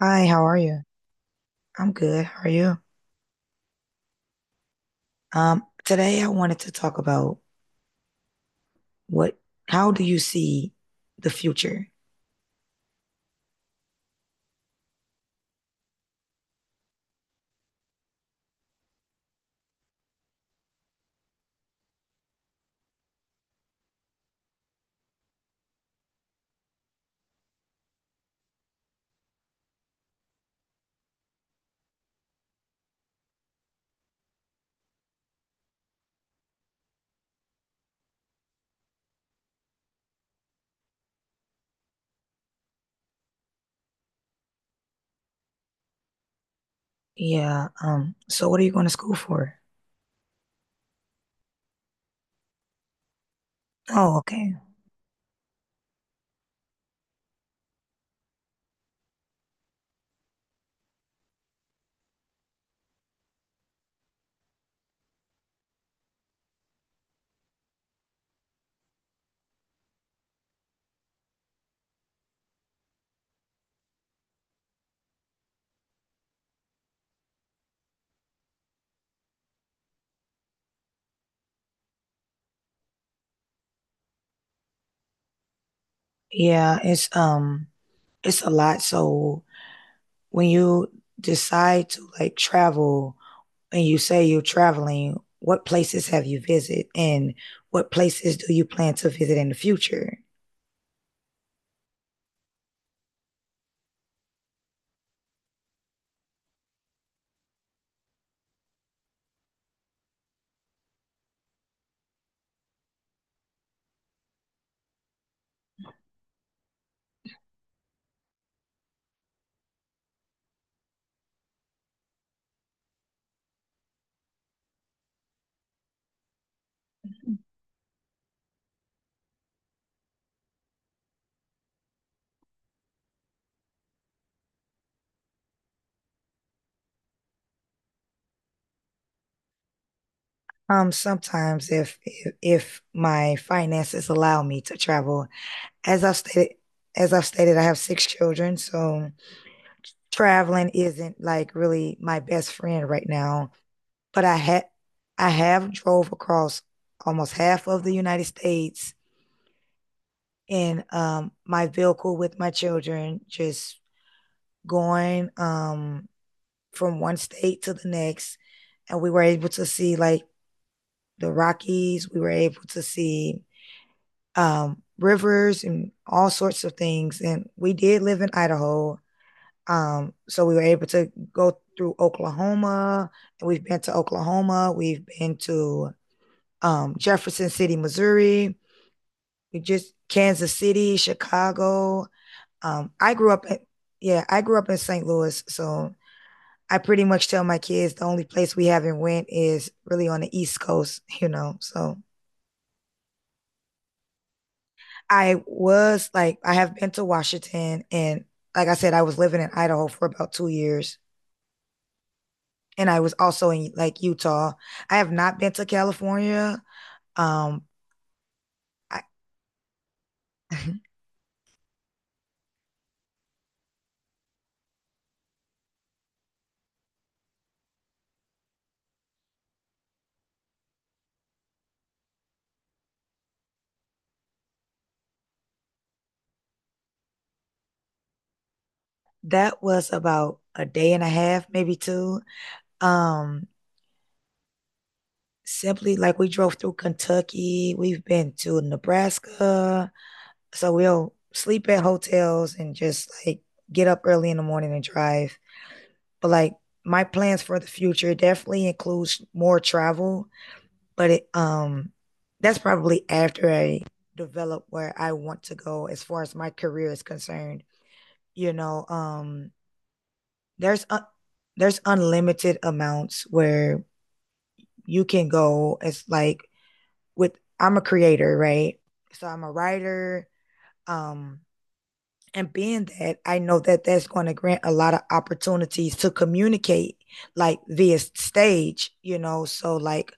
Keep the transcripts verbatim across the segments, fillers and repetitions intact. Hi, how are you? I'm good. How are you? Um, today I wanted to talk about what, how do you see the future? Yeah, um, so what are you going to school for? Oh, okay. Yeah, it's um it's a lot. So when you decide to like travel and you say you're traveling, what places have you visited and what places do you plan to visit in the future? Um, sometimes if, if if my finances allow me to travel, as I've stated, as I've stated, I have six children, so traveling isn't like really my best friend right now. But I had I have drove across almost half of the United States in um my vehicle with my children, just going um from one state to the next, and we were able to see like the Rockies. We were able to see um, rivers and all sorts of things. And we did live in Idaho. Um, so we were able to go through Oklahoma. And we've been to Oklahoma. We've been to um, Jefferson City, Missouri. We just Kansas City, Chicago. Um, I grew up in, yeah, I grew up in Saint Louis. So I pretty much tell my kids the only place we haven't went is really on the East Coast, you know. So I was like, I have been to Washington, and like I said, I was living in Idaho for about two years, and I was also in like Utah. I have not been to California. Um, I, that was about a day and a half, maybe two. Um, simply like we drove through Kentucky, we've been to Nebraska, so we'll sleep at hotels and just like get up early in the morning and drive. But like my plans for the future definitely includes more travel, but it um that's probably after I develop where I want to go as far as my career is concerned. You know, um there's a there's unlimited amounts where you can go. It's like with I'm a creator, right? So I'm a writer, um and being that, I know that that's going to grant a lot of opportunities to communicate, like via stage, you know, so like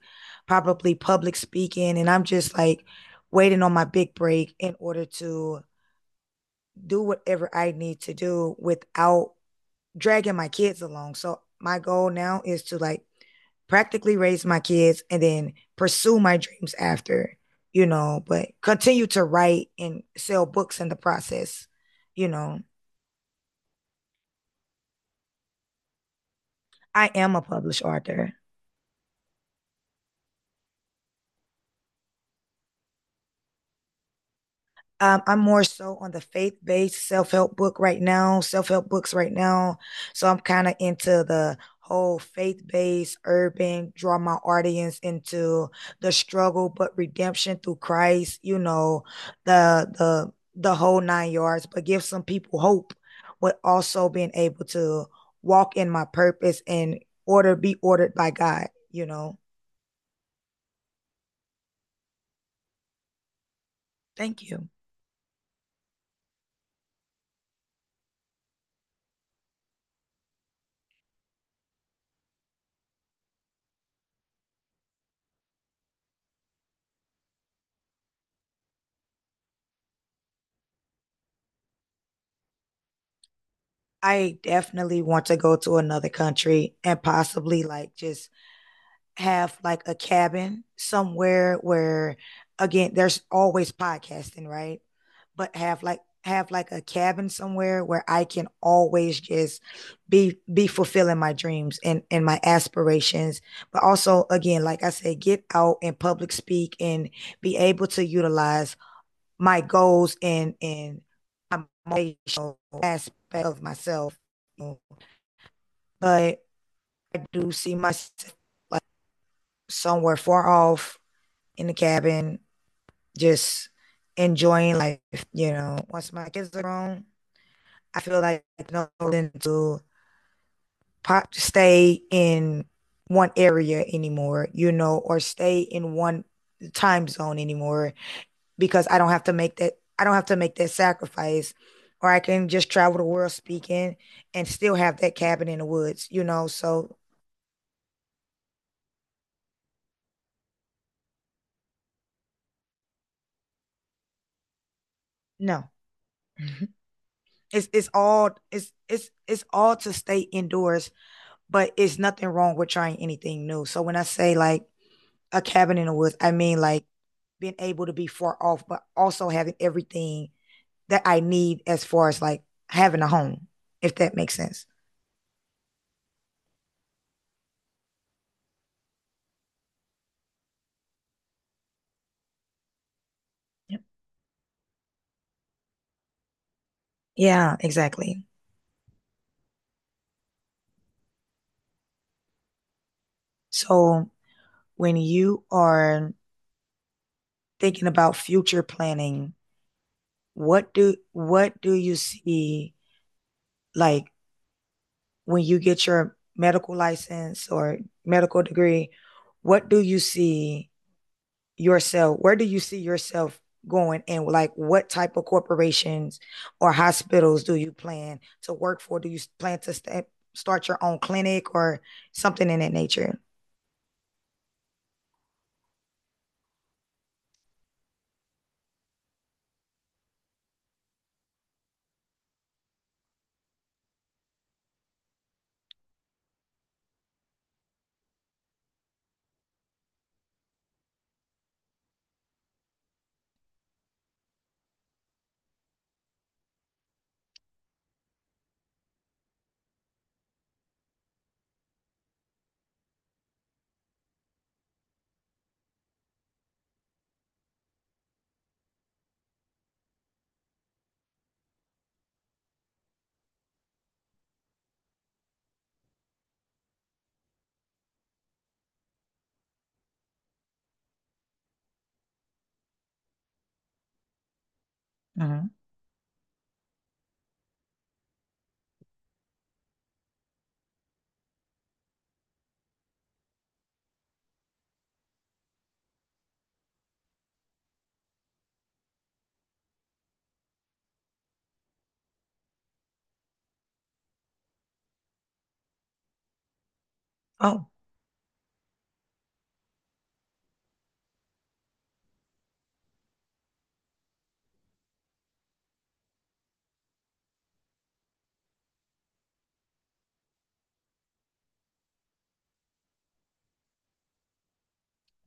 probably public speaking. And I'm just like waiting on my big break in order to do whatever I need to do without dragging my kids along. So my goal now is to like practically raise my kids and then pursue my dreams after, you know, but continue to write and sell books in the process, you know. I am a published author. Um, I'm more so on the faith based self help book right now, self help books right now. So I'm kind of into the whole faith based urban, draw my audience into the struggle but redemption through Christ. You know, the the the whole nine yards, but give some people hope, but also being able to walk in my purpose and order be ordered by God. You know. Thank you. I definitely want to go to another country and possibly like just have like a cabin somewhere where again there's always podcasting, right? But have like have like a cabin somewhere where I can always just be be fulfilling my dreams and and my aspirations but also again like I said get out and public speak and be able to utilize my goals and and my motivational aspect of myself, you know, but I do see myself like somewhere far off in the cabin, just enjoying life. You know, once my kids are grown, I feel like no reason to pop stay in one area anymore. You know, or stay in one time zone anymore because I don't have to make that. I don't have to make that sacrifice. Or I can just travel the world speaking and still have that cabin in the woods, you know. So no. It's it's all it's it's it's all to stay indoors, but it's nothing wrong with trying anything new. So when I say like a cabin in the woods, I mean like being able to be far off, but also having everything that I need as far as like having a home, if that makes sense. Yep. Yeah, exactly. So when you are thinking about future planning, what do what do you see like when you get your medical license or medical degree, what do you see yourself? Where do you see yourself going? And like, what type of corporations or hospitals do you plan to work for? Do you plan to st- start your own clinic or something in that nature? Mm-hmm. Oh,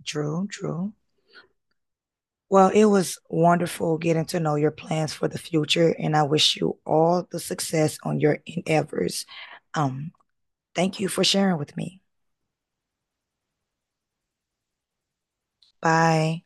Drew, Drew. Well, it was wonderful getting to know your plans for the future, and I wish you all the success on your endeavors. Um, thank you for sharing with me. Bye.